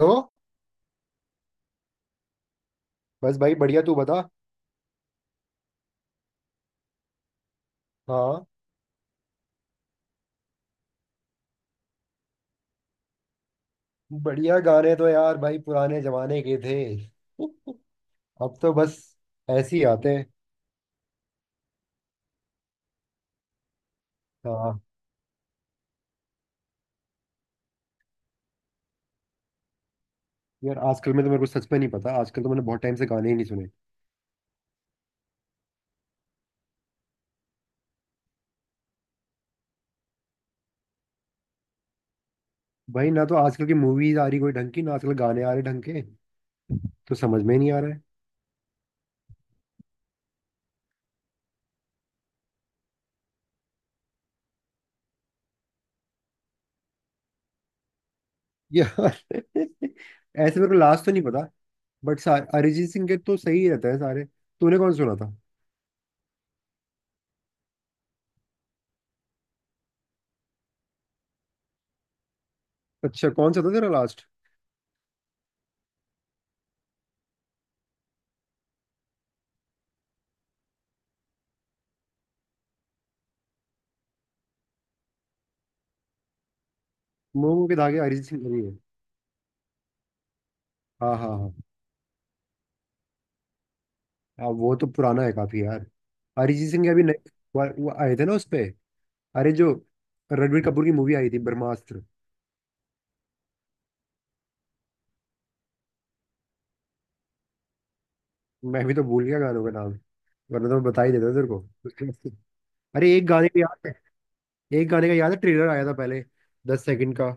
हो। बस भाई बढ़िया, तू बता। हाँ, बढ़िया गाने तो यार भाई पुराने जमाने के थे। अब तो बस ऐसे ही आते हैं। हाँ। यार आजकल में तो मेरे को सच में नहीं पता। आजकल तो मैंने बहुत टाइम से गाने ही नहीं सुने। भाई ना तो आजकल की मूवीज आ रही कोई ढंग की, ना आजकल गाने आ रहे ढंग के। तो समझ में ही नहीं आ रहा है। यार ऐसे मेरे को लास्ट तो नहीं पता। बट अरिजीत सिंह के तो सही रहता है सारे। तूने कौन सुना था? अच्छा, कौन सा था तेरा लास्ट? मोमो के धागे अरिजीत सिंह का ही है। हाँ हाँ हाँ हाँ वो तो पुराना है काफी यार। अरिजीत सिंह के अभी नए वो आए थे ना उस पे। अरे जो रणबीर कपूर की मूवी आई थी, ब्रह्मास्त्र। मैं भी तो भूल गया गानों का नाम। वरना तो मैं बता ही देता तेरे को। अरे एक गाने का याद है। ट्रेलर आया था पहले। दस सेकंड का।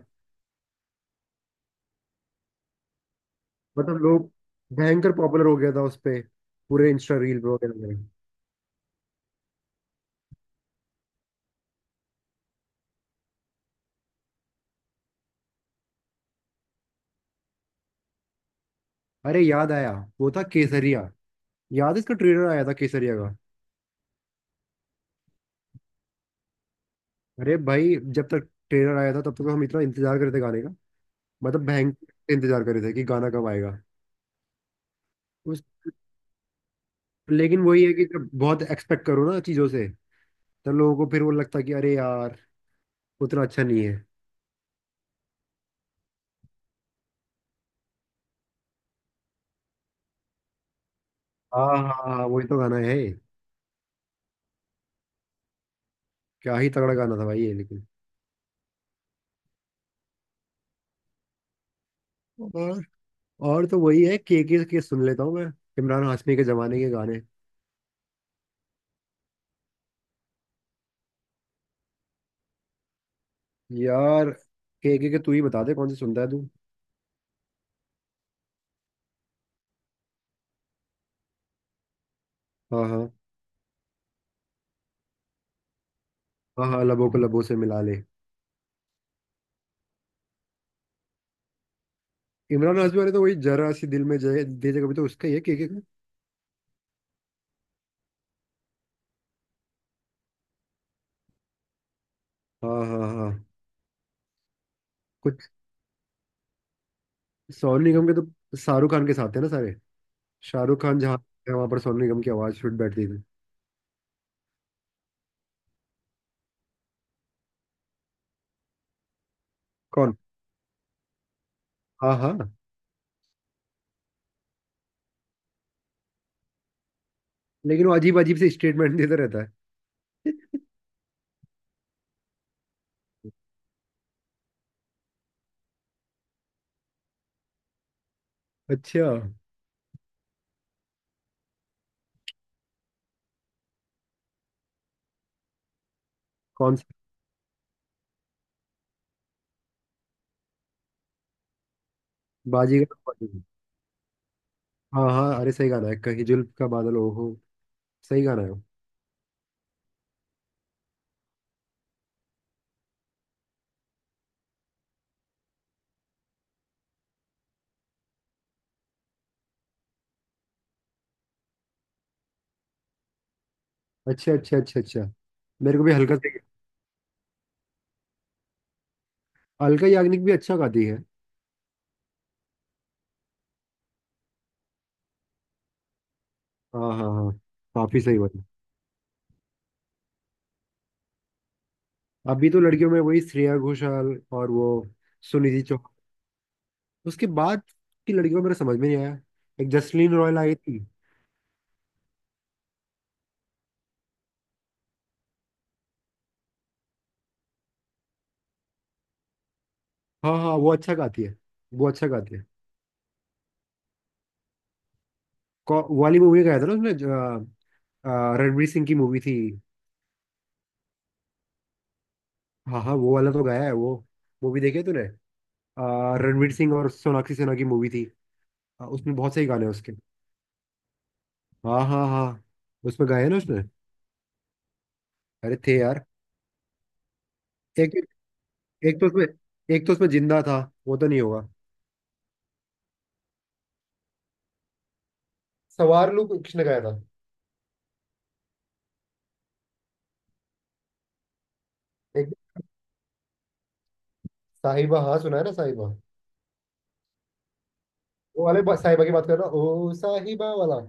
मतलब लोग भयंकर पॉपुलर हो गया था उस पे। पूरे इंस्टा रील पे वगैरह में। अरे याद आया, वो था केसरिया। याद है इसका ट्रेलर आया था, केसरिया का। अरे भाई जब तक ट्रेलर आया था तब तक हम इतना इंतजार करते गाने। मतलब भयंकर इंतजार कर रहे थे कि गाना कब आएगा। उस लेकिन वही है कि जब बहुत एक्सपेक्ट करो ना चीज़ों से, तब लोगों को फिर वो लगता है कि अरे यार, उतना अच्छा नहीं है। हाँ हाँ हाँ हाँ, वही तो गाना है। क्या ही तगड़ा गाना था भाई ये, लेकिन। और और तो वही है, केके के सुन लेता हूँ मैं। इमरान हाशमी के जमाने के गाने। यार केके के तू ही बता दे कौन से सुनता है तू। हाँ हाँ हाँ हाँ लबों को लबों से मिला ले। इमरान हाशमी वाले तो वही जरा सी दिल में जय दे जगह, भी तो उसका ही है, केके का। हाँ हाँ हाँ कुछ सोनू निगम के तो शाहरुख खान के साथ है ना सारे। शाहरुख खान जहाँ है वहां पर सोनू निगम की आवाज फिट बैठती थी। कौन? हाँ, हाँ। लेकिन वो अजीब अजीब से स्टेटमेंट देता रहता है। अच्छा। कौन सा? बाजीगर? हाँ हाँ, अरे सही गाना है कहीं जुल्फ का बादल, ओ हो। सही गाना है वो। अच्छा, अच्छा। मेरे को भी हल्का सही। अलका याग्निक भी अच्छा गाती है। हाँ हाँ हाँ काफी सही बात है। अभी तो लड़कियों में वही श्रेया घोषाल और वो सुनिधि चौहान। उसके बाद की लड़कियों को मेरा समझ में नहीं आया। एक जसलीन रॉयल आई थी। हाँ हाँ, वो अच्छा गाती है। वो अच्छा गाती है। वो वाली मूवी गाया था ना उसने, रणवीर सिंह की मूवी थी। हाँ हाँ, वो वाला तो गाया है वो। मूवी देखी है तूने? रणवीर सिंह और सोनाक्षी सिन्हा की मूवी थी। उसमें बहुत सही गाने हैं उसके। हाँ हाँ हाँ उसमें गाए हैं ना उसने। अरे थे यार। एक एक तो उसमें एक तो उसमें जिंदा था। वो तो नहीं होगा। सवार लू किसने गाया था? एक साहिबा, हाँ सुना है ना, साहिबा। वो वाले साहिबा की बात कर रहा, ओ साहिबा वाला?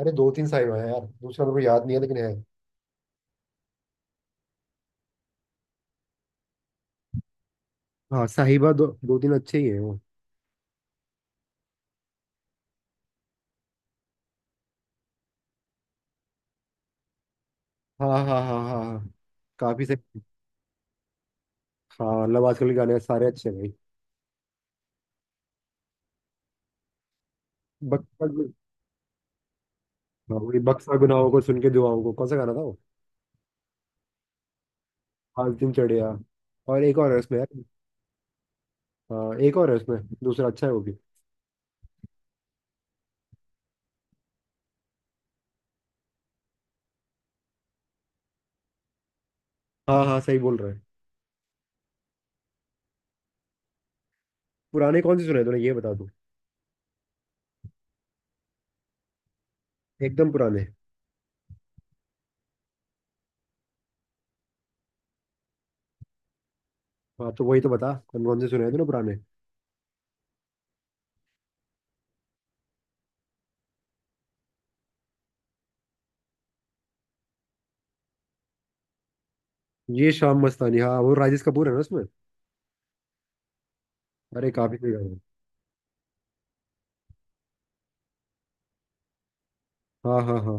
अरे दो तीन साहिबा है यार, दूसरा मेरे को याद नहीं है लेकिन है। हाँ साहिबा दो दो तीन अच्छे ही है। हाँ हाँ हाँ हाँ हाँ काफी सही। हाँ मतलब आजकल के गाने सारे अच्छे हैं भाई। बक्सा गु- हाँ, वही बक्सा गुनाहों को सुन के दुआओं को, कौन सा गाना था वो? आज दिन चढ़िया। और एक और है उसमें यार। हाँ एक और है उसमें। दूसरा अच्छा है वो भी। हाँ हाँ सही बोल रहा है। पुराने कौन से सुने तूने, ये बता दो। एकदम पुराने। हाँ तो वही तो बता, कौन कौन से सुने हैं तूने पुराने? ये शाम मस्तानी, हाँ वो राजेश कपूर है ना उसमें। अरे काफी सही गाना है। हाँ हाँ हाँ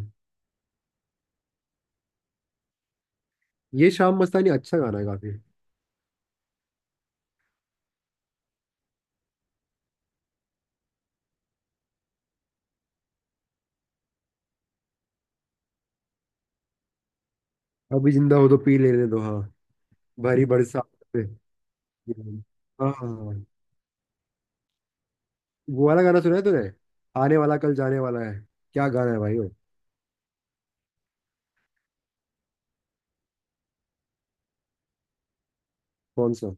ये शाम मस्तानी अच्छा गाना है काफी। अभी जिंदा हो तो पी लेने दो, हाँ। भरी बरसात पे। हाँ हाँ हाँ वो वाला गाना सुना है तूने, आने वाला कल जाने वाला है? क्या गाना है भाई वो। कौन सा?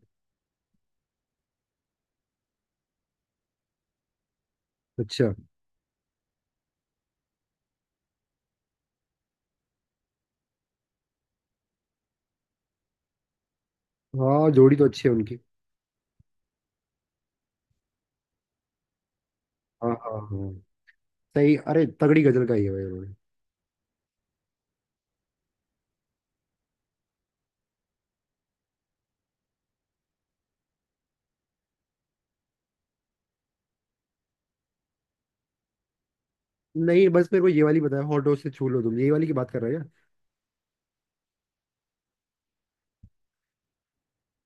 अच्छा, हाँ जोड़ी तो अच्छी है उनकी। हाँ हाँ हाँ सही। अरे तगड़ी गजल का ही है भाई उन्होंने। नहीं बस मेरे को ये वाली बताया, हॉट डॉग से छू लो तुम, ये वाली की बात कर रहे हो क्या?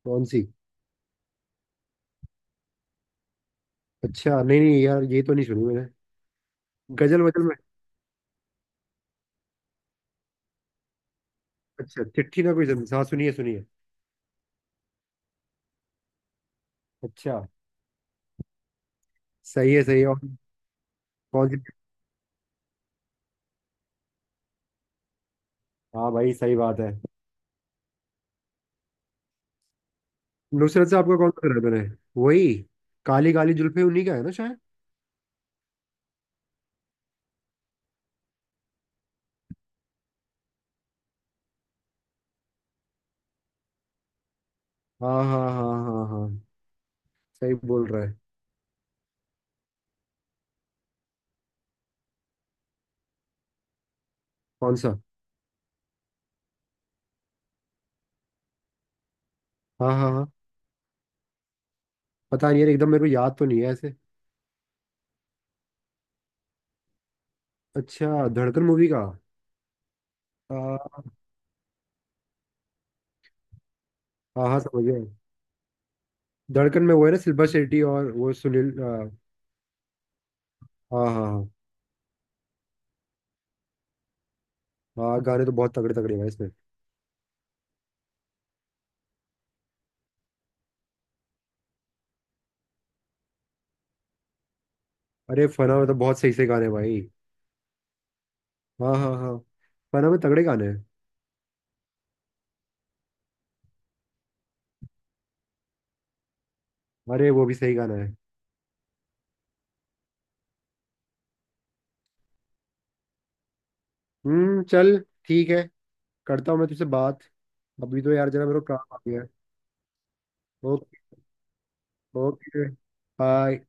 कौन सी? अच्छा, नहीं नहीं यार ये तो नहीं सुनी मैंने गजल वजल में। अच्छा, चिट्ठी ना कोई जमीन, हाँ सुनिए सुनिए। अच्छा। सही है, सही है। और कौन सी? हाँ भाई सही बात है। नुसरत से आपका कौन सा मैंने? वही काली काली जुल्फे उन्हीं का है ना शायद। हाँ हाँ हाँ हाँ हाँ सही बोल रहा है। कौन सा? हाँ हाँ हाँ पता नहीं यार एकदम मेरे को याद तो नहीं है ऐसे। अच्छा, धड़कन मूवी का। आ, हाँ हाँ, समझ गया। धड़कन में वो है ना सिल्वर शेट्टी और वो सुनील, हाँ हाँ हाँ हाँ, गाने तो बहुत तगड़े तगड़े हैं भाई इसमें। अरे फना में तो बहुत सही सही गाने हैं भाई। हाँ हाँ हाँ फना में तगड़े गाने हैं। अरे वो भी सही गाना है। चल, ठीक है, करता हूँ मैं तुझसे बात। अभी तो यार जरा मेरे को काम आ गया है। ओके। Okay, bye.